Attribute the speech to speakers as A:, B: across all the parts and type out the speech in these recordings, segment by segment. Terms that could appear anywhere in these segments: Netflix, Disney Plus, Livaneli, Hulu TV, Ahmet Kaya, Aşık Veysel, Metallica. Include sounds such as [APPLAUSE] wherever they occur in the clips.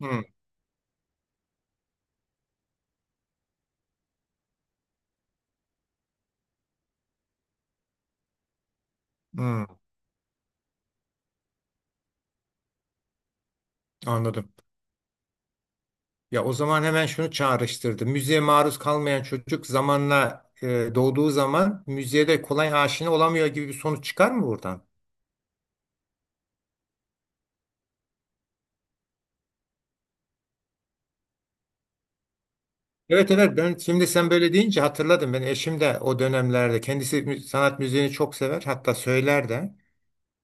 A: Hmm, hmm, anladım. Ya o zaman hemen şunu çağrıştırdı. Müziğe maruz kalmayan çocuk zamanla doğduğu zaman müziğe de kolay aşina olamıyor gibi bir sonuç çıkar mı buradan? Evet, evet, ben şimdi sen böyle deyince hatırladım. Ben eşim de o dönemlerde kendisi sanat müziğini çok sever, hatta söyler de.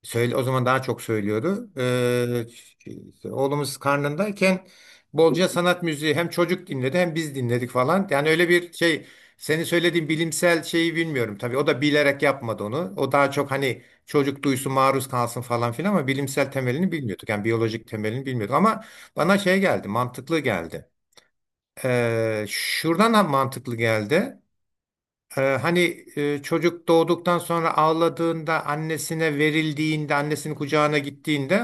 A: Söyle, o zaman daha çok söylüyordu. Şey, işte oğlumuz karnındayken bolca sanat müziği hem çocuk dinledi, hem biz dinledik falan. Yani öyle bir şey, senin söylediğin bilimsel şeyi bilmiyorum. Tabii o da bilerek yapmadı onu. O daha çok hani çocuk duysun, maruz kalsın falan filan, ama bilimsel temelini bilmiyorduk. Yani biyolojik temelini bilmiyorduk ama bana şey geldi, mantıklı geldi. Şuradan da mantıklı geldi. Hani çocuk doğduktan sonra ağladığında, annesine verildiğinde, annesinin kucağına gittiğinde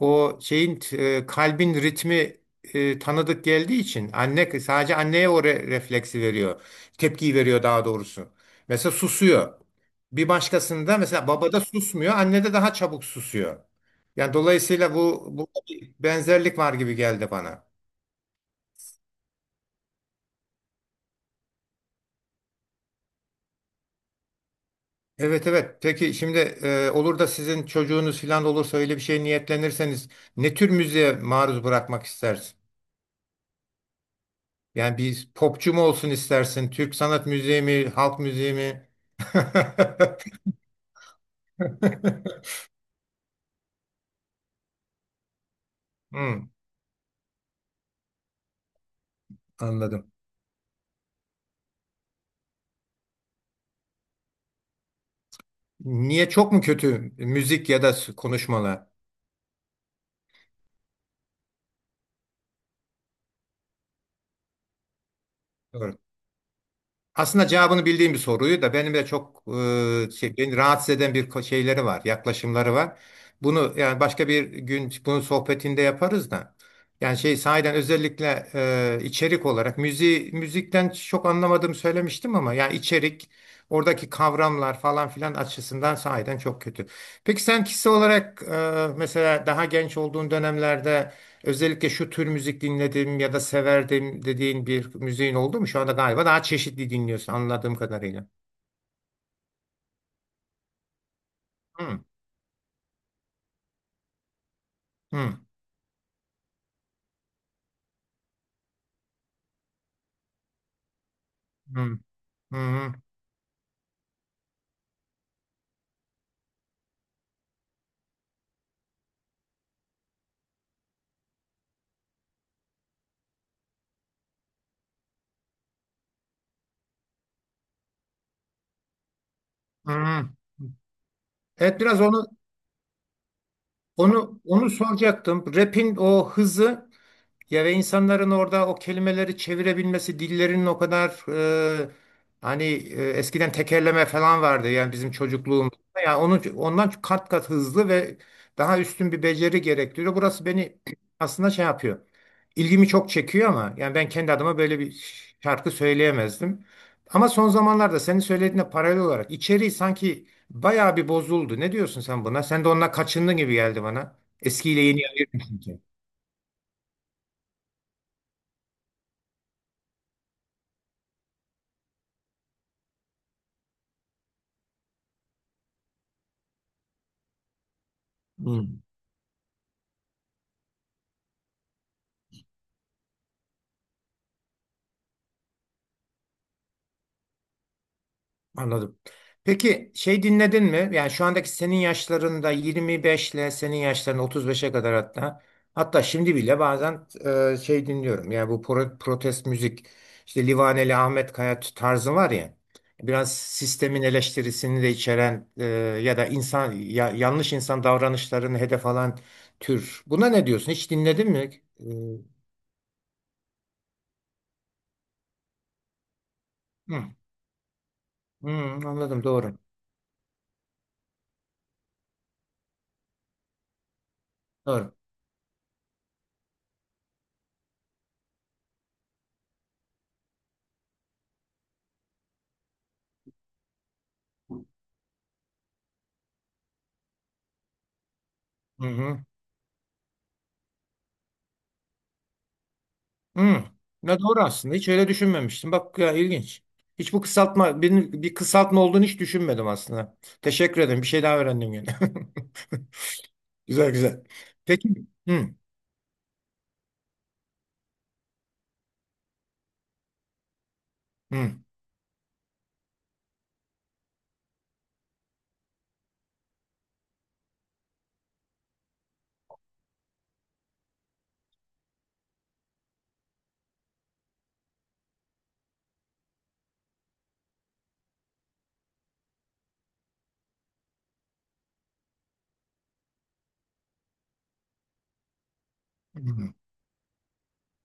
A: o şeyin kalbin ritmi tanıdık geldiği için anne, sadece anneye o refleksi veriyor. Tepkiyi veriyor daha doğrusu. Mesela susuyor. Bir başkasında, mesela babada susmuyor, annede daha çabuk susuyor. Yani dolayısıyla bu, bir benzerlik var gibi geldi bana. Evet, evet. Peki şimdi olur da sizin çocuğunuz falan olursa, öyle bir şey niyetlenirseniz, ne tür müziğe maruz bırakmak istersin? Yani bir popçu mu olsun istersin? Türk sanat müziği mi? Halk müziği mi? [LAUGHS] Hmm, anladım. Niye, çok mu kötü müzik ya da konuşmalar? Aslında cevabını bildiğim bir soruyu da, benim de çok şey, beni rahatsız eden bir şeyleri var, yaklaşımları var. Bunu yani başka bir gün bunun sohbetinde yaparız da. Yani şey, sahiden özellikle içerik olarak müziği, müzikten çok anlamadığımı söylemiştim, ama yani içerik, oradaki kavramlar falan filan açısından sahiden çok kötü. Peki sen kişi olarak mesela daha genç olduğun dönemlerde özellikle şu tür müzik dinledim ya da severdim dediğin bir müziğin oldu mu? Şu anda galiba daha çeşitli dinliyorsun anladığım kadarıyla. Hı, hı, hı, hı, hı. Evet, biraz onu soracaktım. Rap'in o hızı. Ya ve insanların orada o kelimeleri çevirebilmesi, dillerinin o kadar, e, hani, eskiden tekerleme falan vardı yani bizim çocukluğumuzda. Yani onun, ondan kat kat hızlı ve daha üstün bir beceri gerektiriyor. Burası beni aslında şey yapıyor. İlgimi çok çekiyor, ama yani ben kendi adıma böyle bir şarkı söyleyemezdim. Ama son zamanlarda senin söylediğine paralel olarak içeriği sanki bayağı bir bozuldu. Ne diyorsun sen buna? Sen de onunla kaçındın gibi geldi bana. Eskiyle yeni ayırmışsın ki. Anladım. Peki şey, dinledin mi? Yani şu andaki senin yaşlarında 25 ile senin yaşlarında 35'e kadar, hatta şimdi bile bazen şey dinliyorum. Yani bu protest müzik, işte Livaneli, Ahmet Kaya tarzı var ya, biraz sistemin eleştirisini de içeren ya da insan yanlış insan davranışlarını hedef alan tür. Buna ne diyorsun? Hiç dinledin mi? E, hı, hı, anladım, doğru. Doğru. Hı hı. Hı. Ne doğru aslında. Hiç öyle düşünmemiştim. Bak ya, ilginç. Hiç bu kısaltma, bir kısaltma olduğunu hiç düşünmedim aslında. Teşekkür ederim. Bir şey daha öğrendim yani. [LAUGHS] Güzel, güzel. Peki. Hı. Hı. Hı.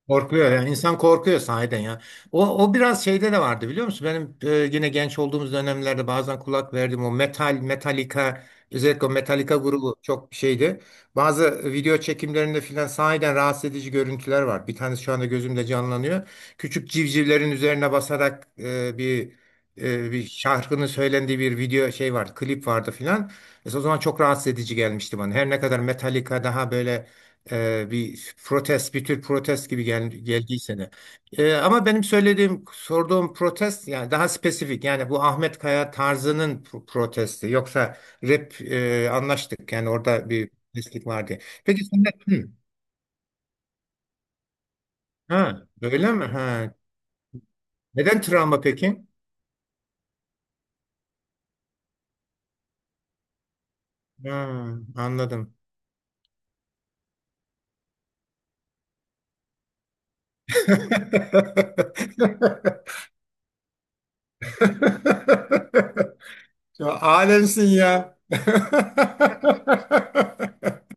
A: Korkuyor, yani insan korkuyor sahiden ya. O biraz şeyde de vardı, biliyor musun? Benim yine genç olduğumuz dönemlerde bazen kulak verdim o metal, Metallica, özellikle o Metallica grubu çok şeydi. Bazı video çekimlerinde filan sahiden rahatsız edici görüntüler var. Bir tanesi şu anda gözümde canlanıyor. Küçük civcivlerin üzerine basarak bir şarkının söylendiği bir video, şey vardı, klip vardı filan. Mesela o zaman çok rahatsız edici gelmişti bana. Her ne kadar Metallica daha böyle bir protest, bir tür protest gibi geldiyse de. Ama benim söylediğim, sorduğum protest yani daha spesifik. Yani bu Ahmet Kaya tarzının protesti. Yoksa rap, anlaştık. Yani orada bir protestlik vardı. Peki sen de, hı, ha, öyle mi? Ha. Neden travma peki? Ha, anladım. [LAUGHS] Ya, alemsin ya. [LAUGHS]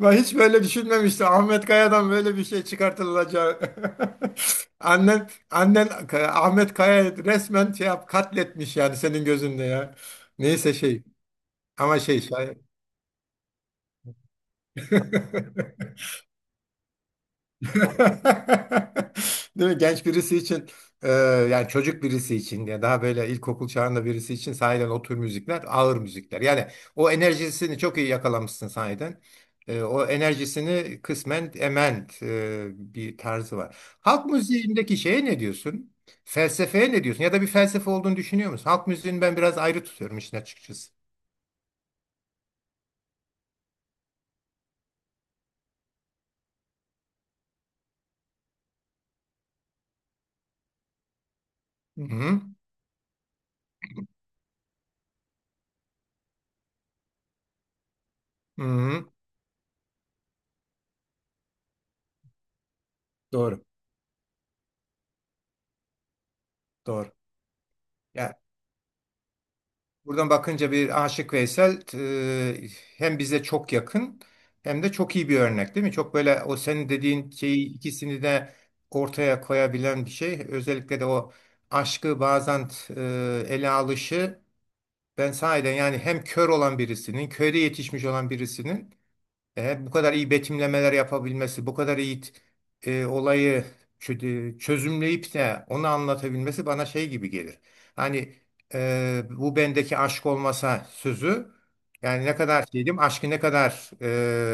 A: Ben hiç böyle düşünmemiştim. Ahmet Kaya'dan böyle bir şey çıkartılacağı. [LAUGHS] Annen Ahmet Kaya'yı resmen şey yap, katletmiş yani senin gözünde ya. Neyse şey, ama şey şayet. [LAUGHS] [LAUGHS] Değil mi? Genç birisi için e, yani çocuk birisi için, ya daha böyle ilkokul çağında birisi için sahiden o tür müzikler ağır müzikler. Yani o enerjisini çok iyi yakalamışsın sahiden. O enerjisini kısmen ement, bir tarzı var. Halk müziğindeki şeye ne diyorsun? Felsefeye ne diyorsun? Ya da bir felsefe olduğunu düşünüyor musun? Halk müziğini ben biraz ayrı tutuyorum işin açıkçası. Hı hı. Hı hı. Doğru. Doğru. Buradan bakınca bir Aşık Veysel, e, hem bize çok yakın, hem de çok iyi bir örnek değil mi? Çok böyle o senin dediğin şeyi ikisini de ortaya koyabilen bir şey. Özellikle de o aşkı bazen ele alışı, ben sahiden, yani hem kör olan birisinin, köyde yetişmiş olan birisinin bu kadar iyi betimlemeler yapabilmesi, bu kadar iyi olayı çözümleyip de onu anlatabilmesi bana şey gibi gelir. Hani bu bendeki aşk olmasa sözü, yani ne kadar şeydim, aşkı ne kadar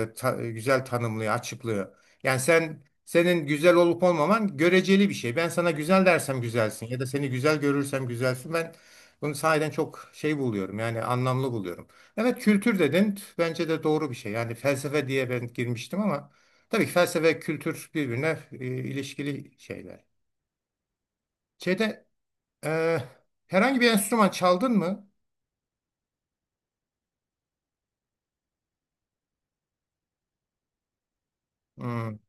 A: güzel tanımlıyor, açıklıyor. Yani sen, senin güzel olup olmaman göreceli bir şey. Ben sana güzel dersem güzelsin, ya da seni güzel görürsem güzelsin. Ben bunu sahiden çok şey buluyorum, yani anlamlı buluyorum. Evet, kültür dedin. Bence de doğru bir şey. Yani felsefe diye ben girmiştim, ama tabii ki felsefe kültür birbirine ilişkili şeyler. Şeyde e, herhangi bir enstrüman çaldın mı? Hmm,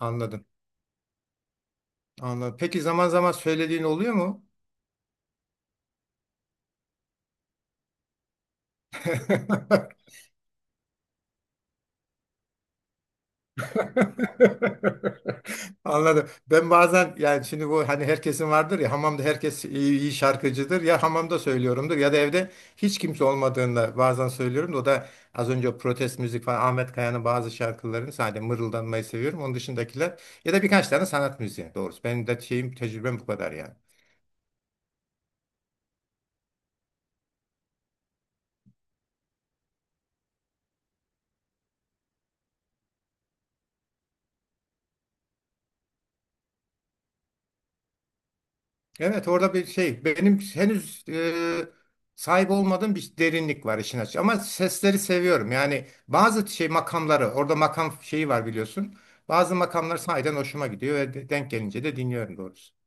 A: anladım. Anladım. Peki zaman zaman söylediğin oluyor mu? [LAUGHS] [LAUGHS] Anladım. Ben bazen, yani şimdi bu hani herkesin vardır ya, hamamda herkes iyi, iyi şarkıcıdır ya, hamamda söylüyorumdur ya da evde hiç kimse olmadığında bazen söylüyorum da, o da az önce o protest müzik falan, Ahmet Kaya'nın bazı şarkılarını sadece mırıldanmayı seviyorum. Onun dışındakiler ya da birkaç tane sanat müziği doğrusu. Benim de şeyim, tecrübem bu kadar yani. Evet, orada bir şey, benim henüz sahip olmadığım bir derinlik var işin açığı, ama sesleri seviyorum. Yani bazı şey makamları, orada makam şeyi var biliyorsun. Bazı makamlar sahiden hoşuma gidiyor ve denk gelince de dinliyorum doğrusu.